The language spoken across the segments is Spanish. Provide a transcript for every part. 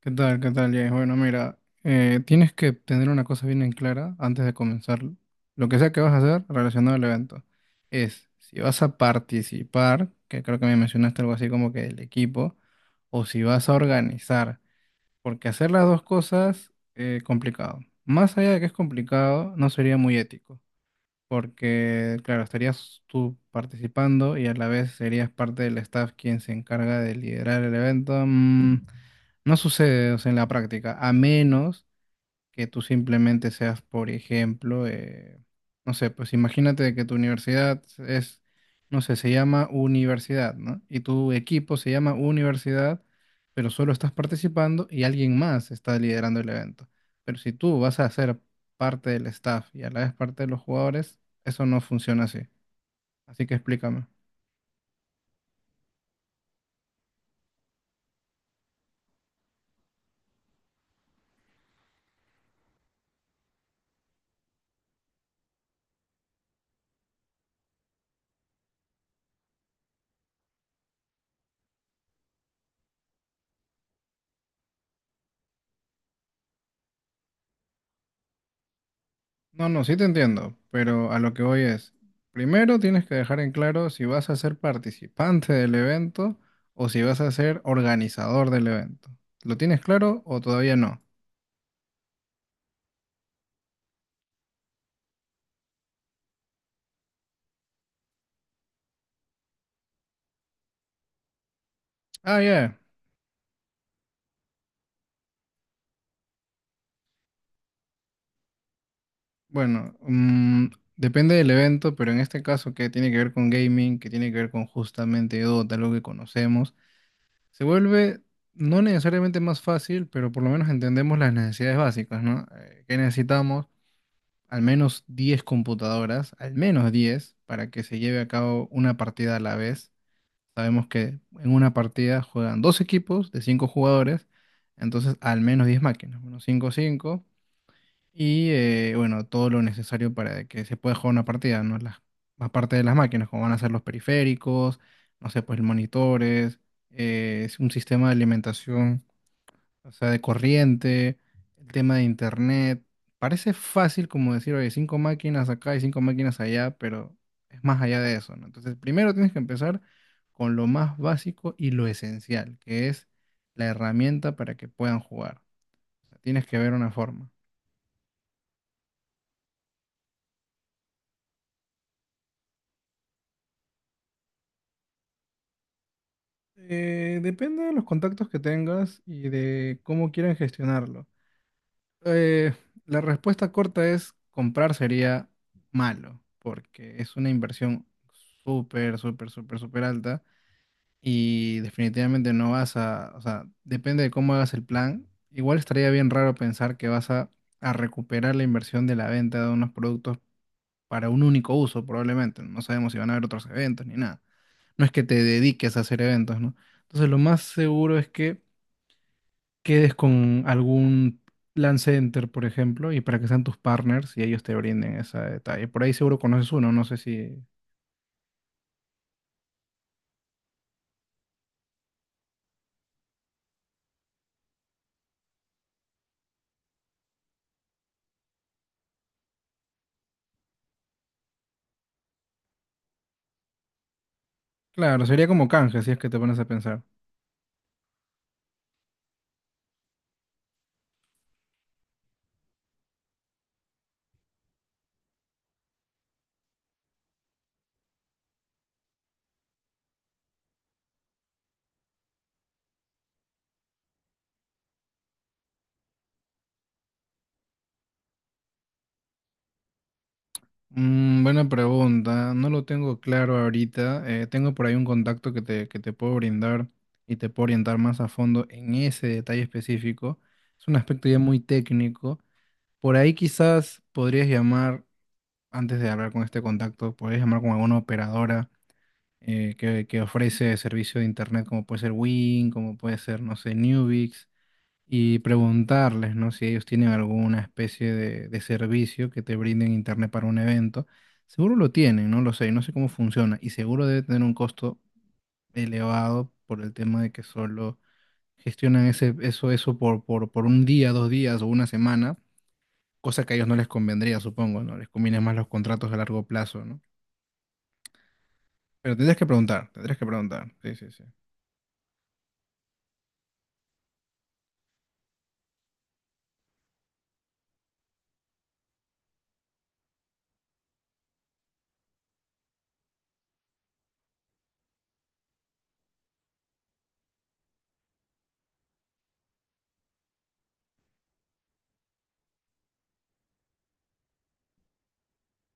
¿Qué tal? ¿Qué tal, Jay? Bueno, mira, tienes que tener una cosa bien en clara antes de comenzar. Lo que sea que vas a hacer relacionado al evento es si vas a participar, que creo que me mencionaste algo así como que del equipo, o si vas a organizar, porque hacer las dos cosas es complicado. Más allá de que es complicado, no sería muy ético porque, claro, estarías tú participando y a la vez serías parte del staff quien se encarga de liderar el evento. No sucede, o sea, en la práctica, a menos que tú simplemente seas, por ejemplo, no sé, pues imagínate de que tu universidad es, no sé, se llama universidad, ¿no? Y tu equipo se llama universidad, pero solo estás participando y alguien más está liderando el evento. Pero si tú vas a ser parte del staff y a la vez parte de los jugadores, eso no funciona así. Así que explícame. No, no, sí te entiendo, pero a lo que voy es, primero tienes que dejar en claro si vas a ser participante del evento o si vas a ser organizador del evento. ¿Lo tienes claro o todavía no? Ah, ya. Bueno, depende del evento, pero en este caso que tiene que ver con gaming, que tiene que ver con justamente Dota, algo que conocemos, se vuelve no necesariamente más fácil, pero por lo menos entendemos las necesidades básicas, ¿no? ¿Qué necesitamos? Al menos 10 computadoras, al menos 10 para que se lleve a cabo una partida a la vez. Sabemos que en una partida juegan dos equipos de 5 jugadores, entonces al menos 10 máquinas, bueno, 5 5 y bueno, todo lo necesario para que se pueda jugar una partida, ¿no? Las, más parte de las máquinas, como van a ser los periféricos, no sé, pues monitores, es un sistema de alimentación o sea, de corriente, el tema de internet. Parece fácil como decir, oye, cinco máquinas acá y cinco máquinas allá, pero es más allá de eso, ¿no? Entonces, primero tienes que empezar con lo más básico y lo esencial, que es la herramienta para que puedan jugar. O sea, tienes que ver una forma. Depende de los contactos que tengas y de cómo quieran gestionarlo. Eh, la respuesta corta es comprar sería malo, porque es una inversión súper, súper, súper, súper alta y definitivamente no vas a, o sea, depende de cómo hagas el plan. Igual estaría bien raro pensar que vas a recuperar la inversión de la venta de unos productos para un único uso, probablemente. No sabemos si van a haber otros eventos ni nada. No es que te dediques a hacer eventos, ¿no? Entonces lo más seguro es que quedes con algún plan center, por ejemplo, y para que sean tus partners y ellos te brinden ese detalle. Por ahí seguro conoces uno, no sé si... Claro, sería como canje si es que te pones a pensar. Mm, buena pregunta, no lo tengo claro ahorita. Tengo por ahí un contacto que te puedo brindar y te puedo orientar más a fondo en ese detalle específico. Es un aspecto ya muy técnico. Por ahí quizás podrías llamar, antes de hablar con este contacto, podrías llamar con alguna operadora que ofrece servicio de internet como puede ser Wing, como puede ser, no sé, Nubix, y preguntarles, ¿no? Si ellos tienen alguna especie de servicio que te brinden internet para un evento. Seguro lo tienen, no lo sé, no sé cómo funciona, y seguro debe tener un costo elevado por el tema de que solo gestionan ese, eso por un día, dos días o una semana, cosa que a ellos no les convendría, supongo, ¿no? Les conviene más los contratos a largo plazo, ¿no? Pero tendrías que preguntar, tendrías que preguntar. Sí, sí, sí.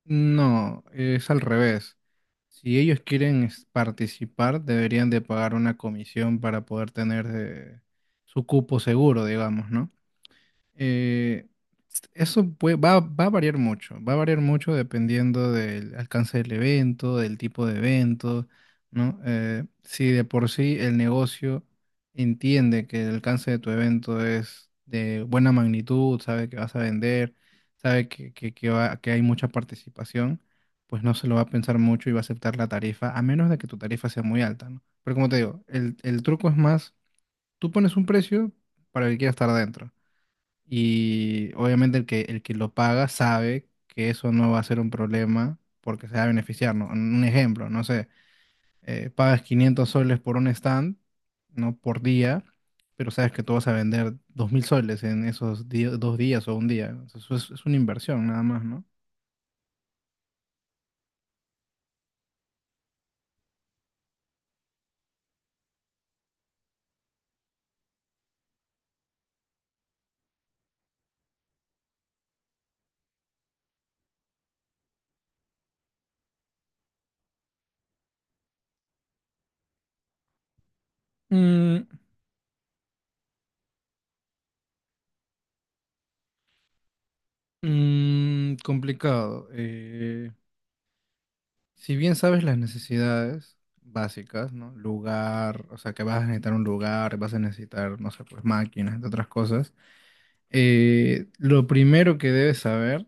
No, es al revés. Si ellos quieren participar, deberían de pagar una comisión para poder tener su cupo seguro, digamos, ¿no? Eh, Eso va a variar mucho, va a variar mucho dependiendo del alcance del evento, del tipo de evento, ¿no? Si de por sí el negocio entiende que el alcance de tu evento es de buena magnitud, sabe que vas a vender, sabe que hay mucha participación, pues no se lo va a pensar mucho y va a aceptar la tarifa, a menos de que tu tarifa sea muy alta, ¿no? Pero como te digo, el truco es más, tú pones un precio para el que quiera estar adentro. Y obviamente el que lo paga sabe que eso no va a ser un problema porque se va a beneficiar, ¿no? Un ejemplo, no sé, pagas 500 soles por un stand, ¿no? Por día, pero sabes que tú vas a vender 2.000 soles en esos dos días o un día. Entonces, eso es una inversión nada más, ¿no? Mm, complicado. Si bien sabes las necesidades básicas, ¿no? Lugar, o sea, que vas a necesitar un lugar, vas a necesitar, no sé, pues máquinas, entre otras cosas. Lo primero que debes saber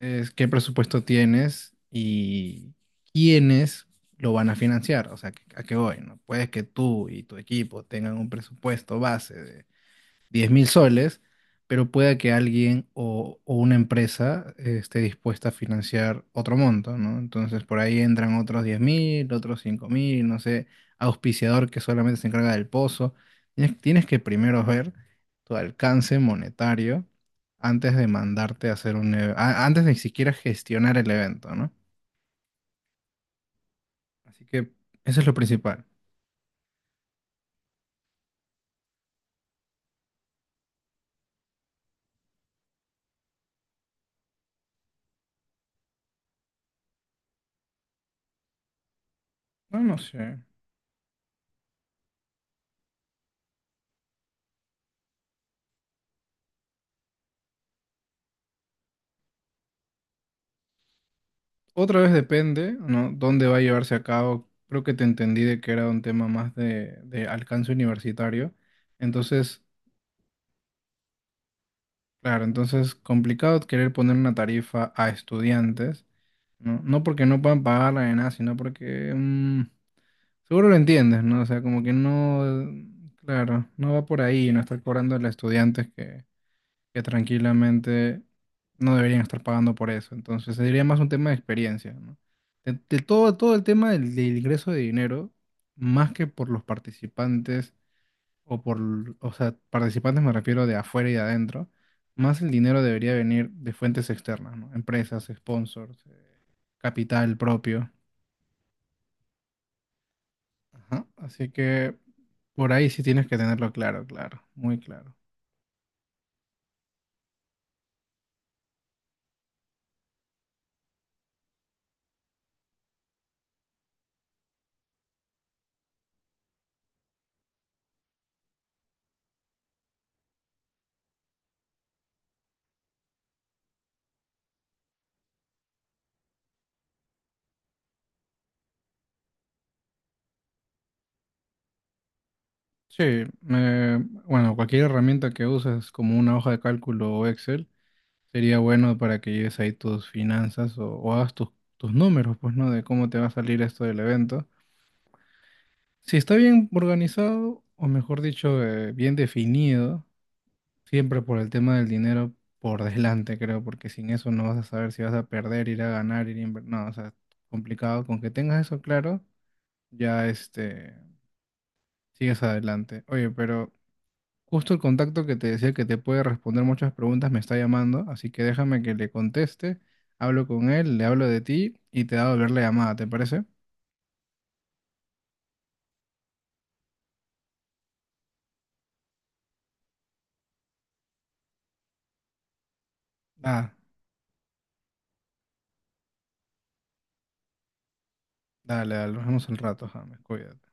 es qué presupuesto tienes y quiénes lo van a financiar, o sea, a qué voy, ¿no? Puedes que tú y tu equipo tengan un presupuesto base 10.000 soles, pero pueda que alguien o una empresa esté dispuesta a financiar otro monto, ¿no? Entonces por ahí entran otros 10.000, otros 5.000, no sé, auspiciador que solamente se encarga del pozo. Tienes, tienes que primero ver tu alcance monetario antes de mandarte a hacer antes de siquiera gestionar el evento, ¿no? Así que eso es lo principal. No, no sé. Otra vez depende, ¿no? Dónde va a llevarse a cabo. Creo que te entendí de que era un tema más de alcance universitario. Entonces, claro, entonces complicado querer poner una tarifa a estudiantes, ¿no? No porque no puedan pagarla ni nada, sino porque seguro lo entiendes, ¿no? O sea, como que no, claro, no va por ahí, no estar cobrando a los estudiantes que tranquilamente no deberían estar pagando por eso. Entonces sería más un tema de experiencia, ¿no? De todo, todo el tema del, del ingreso de dinero, más que por los participantes, o por, o sea, participantes me refiero de afuera y de adentro, más el dinero debería venir de fuentes externas, ¿no? Empresas, sponsors, capital propio. Ajá. Así que por ahí sí tienes que tenerlo claro, claro, muy claro. Sí, me- bueno, cualquier herramienta que uses como una hoja de cálculo o Excel, sería bueno para que lleves ahí tus finanzas o hagas tus, tus números, pues, ¿no? De cómo te va a salir esto del evento. Si está bien organizado, o mejor dicho, bien definido, siempre por el tema del dinero por delante, creo, porque sin eso no vas a saber si vas a perder, ir a ganar, ir a invertir. No, o sea, complicado. Con que tengas eso claro, ya este, sigues adelante. Oye, pero justo el contacto que te decía que te puede responder muchas preguntas me está llamando, así que déjame que le conteste, hablo con él, le hablo de ti y te da a volver la llamada, ¿te parece? Ah, dale, dale, nos vemos al rato, James, cuídate.